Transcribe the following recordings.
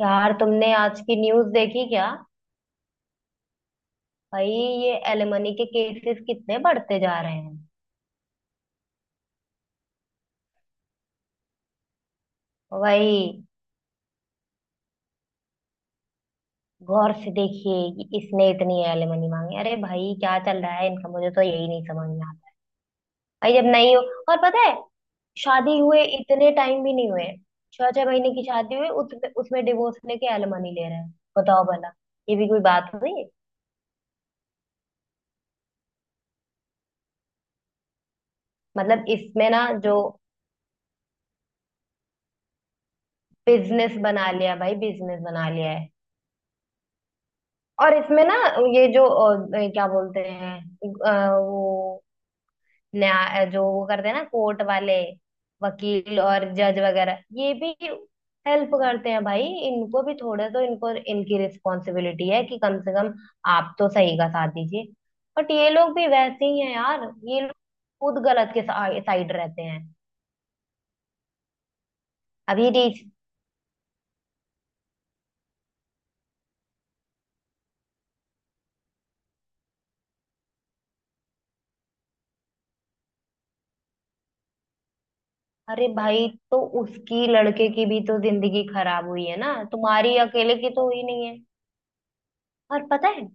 यार, तुमने आज की न्यूज़ देखी क्या। भाई, ये एलिमनी के केसेस कितने बढ़ते जा रहे हैं। वही। गौर से देखिए कि इसने इतनी एलिमनी मांगी। अरे भाई, क्या चल रहा है इनका। मुझे तो यही नहीं समझ में आता। भाई जब नहीं हो। और पता है। शादी हुए इतने टाइम भी नहीं हुए। छह छह महीने की शादी हुई, उसमें उसमें डिवोर्स लेके एलिमनी ले रहे हैं। बताओ भला। ये भी कोई बात हुई। मतलब इसमें ना जो। बिजनेस बना लिया भाई, बिजनेस बना लिया है। और इसमें ना। ये जो ये क्या बोलते हैं। वो। न्याय जो वो करते हैं ना, कोर्ट वाले। वकील और जज वगैरह, ये भी हेल्प करते हैं भाई, इनको भी थोड़े तो इनको इनकी रिस्पॉन्सिबिलिटी है कि कम से कम आप तो सही का साथ दीजिए। बट ये लोग भी वैसे ही हैं यार। ये लोग खुद गलत के साइड रहते हैं। अभी रीच। अरे भाई, तो उसकी लड़के की भी तो जिंदगी खराब हुई है ना, तुम्हारी अकेले की तो हुई नहीं है। और पता है।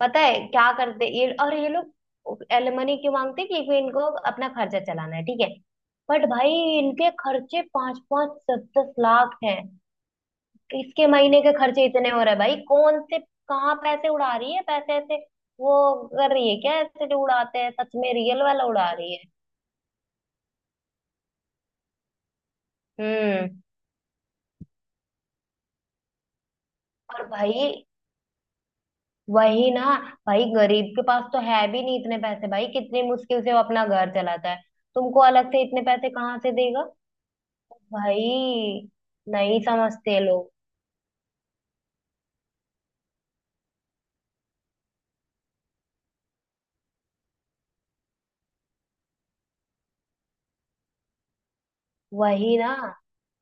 पता है क्या करते ये, और ये लोग एलिमनी क्यों मांगते कि कोई इनको अपना खर्चा चलाना है, ठीक है। बट भाई, इनके खर्चे पांच पांच दस दस लाख हैं। इसके महीने के खर्चे इतने हो रहे हैं भाई, कौन से। कहाँ पैसे उड़ा रही है, पैसे ऐसे वो कर रही है क्या? ऐसे जो उड़ाते हैं सच में, रियल वाला उड़ा रही है। हम्म। और भाई, वही ना। भाई, गरीब के पास तो है भी नहीं इतने पैसे। भाई, कितनी मुश्किल से वो अपना घर चलाता है। तुमको अलग से इतने पैसे कहाँ से देगा। भाई, नहीं समझते लोग। वही ना।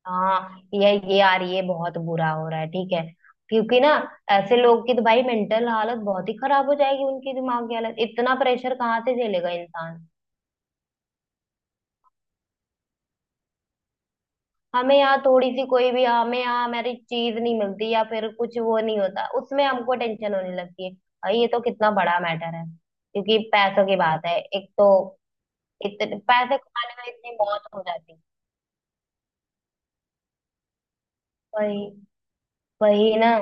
हाँ, ये यार, ये बहुत बुरा हो रहा है, ठीक है। क्योंकि ना ऐसे लोग की तो भाई मेंटल हालत बहुत ही खराब हो जाएगी। उनकी दिमाग की हालत, इतना प्रेशर कहाँ से झेलेगा इंसान। हमें यहाँ थोड़ी सी कोई भी, हमें यहाँ हमारी चीज नहीं मिलती या फिर कुछ वो नहीं होता, उसमें हमको टेंशन होने लगती है। भाई, ये तो कितना बड़ा मैटर है क्योंकि पैसों की बात है एक तो। इतने पैसे कमाने में इतनी मौत हो जाती है। वही। वही ना।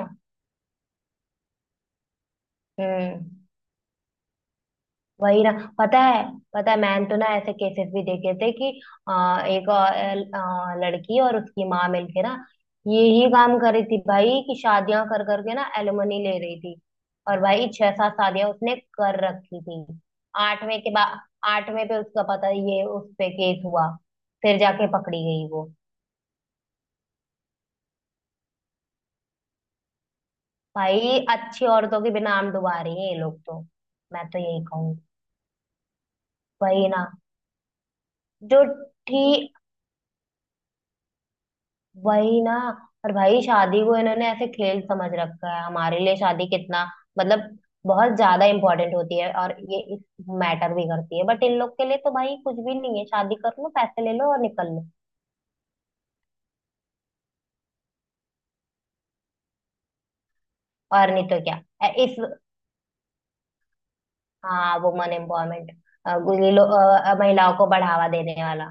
हम्म। वही ना। पता है। पता है, मैंने तो ना ऐसे केसेस भी देखे थे कि एक लड़की और उसकी माँ मिलके ना यही काम कर रही थी भाई, कि शादियां कर करके ना एलिमनी ले रही थी। और भाई, छह सात शादियां उसने कर रखी थी। आठवें के बाद आठवें पे उसका पता, ये उस पे केस हुआ। फिर जाके पकड़ी गई वो। भाई, अच्छी औरतों के भी नाम डुबा रही है ये लोग तो। मैं तो यही कहूँ। वही ना। जो। ठीक। वही ना। और भाई, शादी को इन्होंने ऐसे खेल समझ रखा है। हमारे लिए शादी कितना, मतलब, बहुत ज्यादा इम्पोर्टेंट होती है और ये इस मैटर भी करती है। बट इन लोग के लिए तो भाई कुछ भी नहीं है, शादी कर लो, पैसे ले लो और निकल लो। और नहीं तो क्या। इस, हाँ, वुमन एम्पावरमेंट। ये लोग महिलाओं को बढ़ावा देने वाला।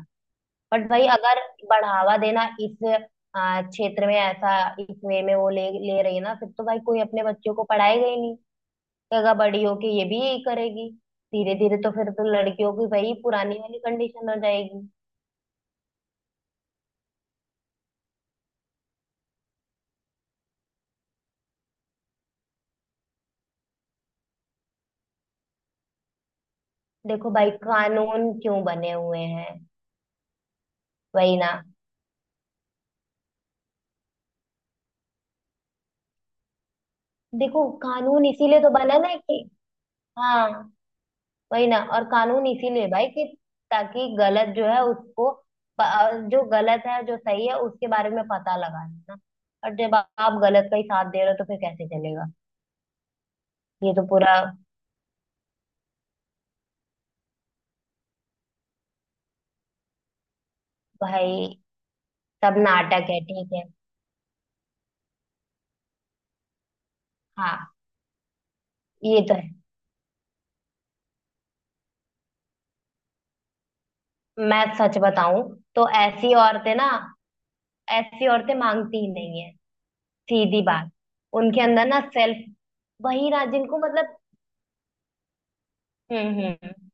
बट भाई, अगर बढ़ावा देना इस क्षेत्र में ऐसा इस वे में वो ले ले रही है ना, फिर तो भाई कोई अपने बच्चों को पढ़ाएगा ही नहीं। जगह बड़ी होके ये भी यही करेगी। धीरे धीरे तो फिर तो लड़कियों की वही पुरानी वाली कंडीशन हो जाएगी। देखो भाई, कानून क्यों बने हुए हैं। वही ना। देखो, कानून इसीलिए तो बना ना कि, हाँ, वही ना। और कानून इसीलिए भाई कि ताकि गलत जो है उसको, जो गलत है जो सही है उसके बारे में पता लगा ना। और जब आप गलत का ही साथ दे रहे हो तो फिर कैसे चलेगा। ये तो पूरा, भाई, सब नाटक है, ठीक है। हाँ। ये तो है। मैं सच बताऊं, तो ऐसी औरतें ना, ऐसी औरतें मांगती ही नहीं है। सीधी बात। उनके अंदर ना सेल्फ, वही ना, जिनको मतलब, हम्म।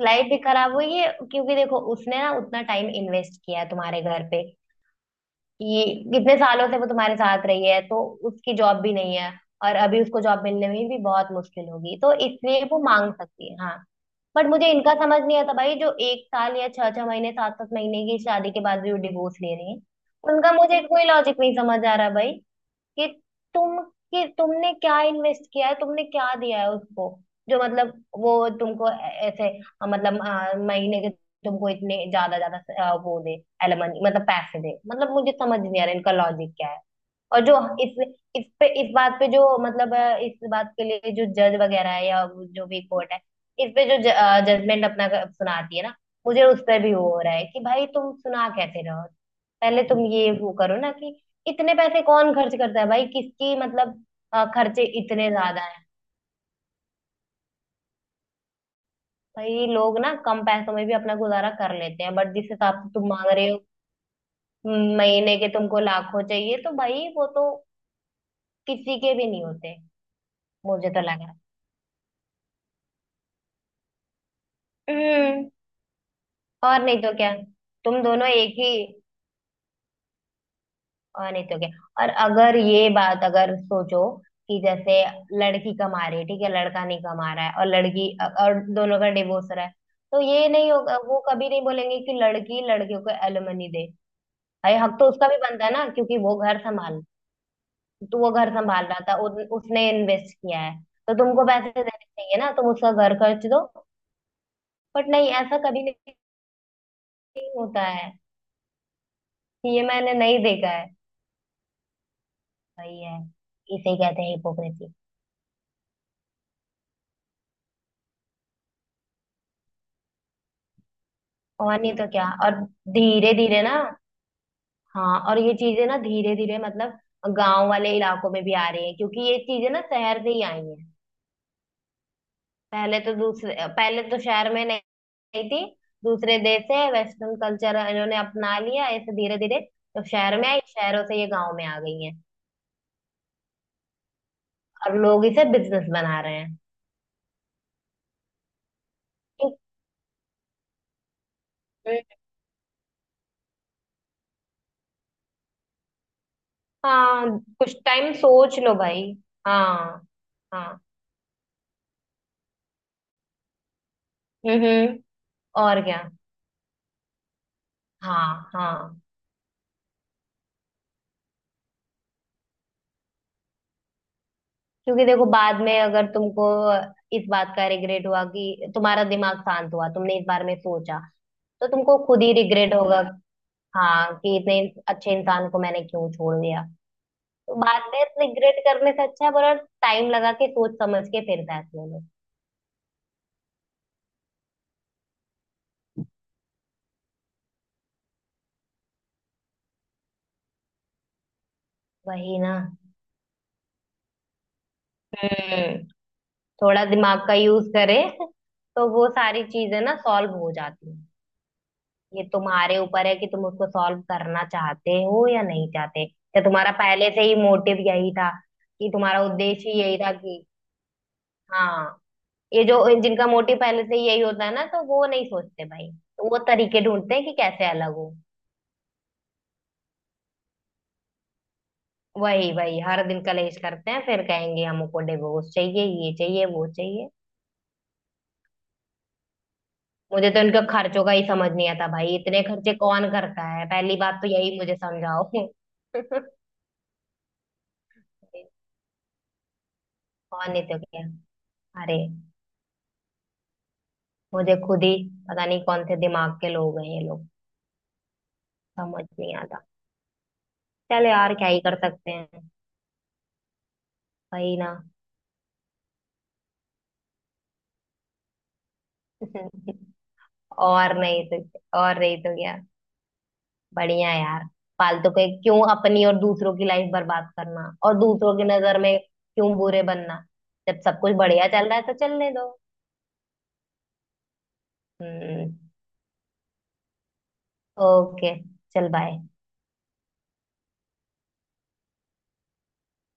लाइफ भी खराब हुई है, क्योंकि देखो उसने ना उतना टाइम इन्वेस्ट किया है तुम्हारे घर पे, कि कितने सालों से वो तुम्हारे साथ रही है, तो उसकी जॉब भी नहीं है। और अभी उसको जॉब मिलने में भी बहुत मुश्किल होगी, तो इसलिए वो मांग सकती है, हाँ। बट मुझे इनका समझ नहीं आता भाई, जो एक साल या छह छह महीने सात सात महीने की शादी के बाद भी वो डिवोर्स ले रहे हैं। उनका मुझे कोई लॉजिक नहीं समझ आ रहा भाई। कि तुम कि तुमने क्या इन्वेस्ट किया है, तुमने क्या दिया है उसको। जो मतलब वो तुमको ऐसे मतलब महीने के तुमको इतने ज्यादा ज्यादा वो दे, एलमनी मतलब पैसे दे, मतलब मुझे समझ नहीं आ रहा इनका लॉजिक क्या है। और जो इस इस बात पे जो मतलब इस बात के लिए जो जज वगैरह है या वो जो भी कोर्ट है, इस पे जो जजमेंट अपना सुनाती है ना, मुझे उस पर भी वो हो रहा है कि भाई, तुम सुना कैसे रहो। पहले तुम ये वो करो ना, कि इतने पैसे कौन खर्च करता है भाई, किसकी मतलब, खर्चे इतने ज्यादा हैं। भाई, लोग ना कम पैसों में भी अपना गुजारा कर लेते हैं, बट जिस हिसाब से तुम मांग रहे हो, महीने के तुमको लाखों चाहिए तो भाई वो तो किसी के भी नहीं होते। मुझे तो लग रहा है। और नहीं तो क्या। तुम दोनों एक ही, और नहीं तो क्या। और अगर ये बात अगर सोचो कि जैसे लड़की कमा रही है, ठीक है, लड़का नहीं कमा रहा है, और लड़की, और दोनों का डिवोर्स हो रहा है, तो ये नहीं होगा, वो कभी नहीं बोलेंगे कि लड़की लड़कियों को एलिमनी दे। भाई, हक तो उसका भी बनता है ना, क्योंकि वो घर संभाल, तो वो घर संभाल रहा था, उसने इन्वेस्ट किया है। तो तुमको पैसे देने चाहिए ना, तुम उसका घर खर्च दो। बट नहीं, ऐसा कभी नहीं होता है। ये मैंने नहीं देखा है। वही है। इसे कहते हैं हिपोक्रेसी। और नहीं तो क्या, और धीरे धीरे ना। हाँ, और ये चीजें ना धीरे धीरे, मतलब गांव वाले इलाकों में भी आ रही है, क्योंकि ये चीजें ना शहर से ही आई हैं। पहले तो शहर में नहीं नहीं थी। दूसरे देश से वेस्टर्न कल्चर इन्होंने अपना लिया ऐसे धीरे धीरे। तो शहर में आई, शहरों से ये गांव में आ गई है। और लोग इसे बिजनेस बना रहे हैं। हम्म। हाँ, कुछ टाइम सोच लो भाई। हाँ, हाँ। हम्म। और क्या। हाँ, हाँ। क्योंकि देखो, बाद में अगर तुमको इस बात का रिग्रेट हुआ, कि तुम्हारा दिमाग शांत हुआ, तुमने इस बारे में सोचा, तो तुमको खुद ही रिग्रेट होगा। हाँ, कि इतने अच्छे इंसान को मैंने क्यों छोड़ दिया। तो बाद में रिग्रेट करने से अच्छा है, बोला टाइम लगा के सोच समझ के फिर फैसले लो। वही ना। हम्म। थोड़ा दिमाग का यूज करे तो वो सारी चीजें ना सॉल्व हो जाती हैं। ये तुम्हारे ऊपर है कि तुम उसको सॉल्व करना चाहते हो या नहीं चाहते। या तुम्हारा पहले से ही मोटिव यही था, कि तुम्हारा उद्देश्य ही यही था कि, हाँ, ये जो जिनका मोटिव पहले से ही यही होता है ना, तो वो नहीं सोचते भाई। तो वो तरीके ढूंढते हैं कि कैसे अलग हो। वही वही, हर दिन कलेश करते हैं, फिर कहेंगे हमको डिवोर्स चाहिए, ये चाहिए, वो चाहिए। मुझे तो इनका खर्चों का ही समझ नहीं आता भाई, इतने खर्चे कौन करता है। पहली बात तो यही मुझे समझाओ कौन। नहीं तो क्या। अरे, मुझे खुद ही पता नहीं कौन से दिमाग के लोग हैं ये लोग। समझ नहीं आता। चल यार, क्या ही कर सकते हैं। सही ना। और नहीं तो, और नहीं तो क्या। बढ़िया यार। फालतू के क्यों अपनी और दूसरों की लाइफ बर्बाद करना और दूसरों की नजर में क्यों बुरे बनना। जब सब कुछ बढ़िया चल रहा है तो चलने दो। हम्म। ओके। चल बाय।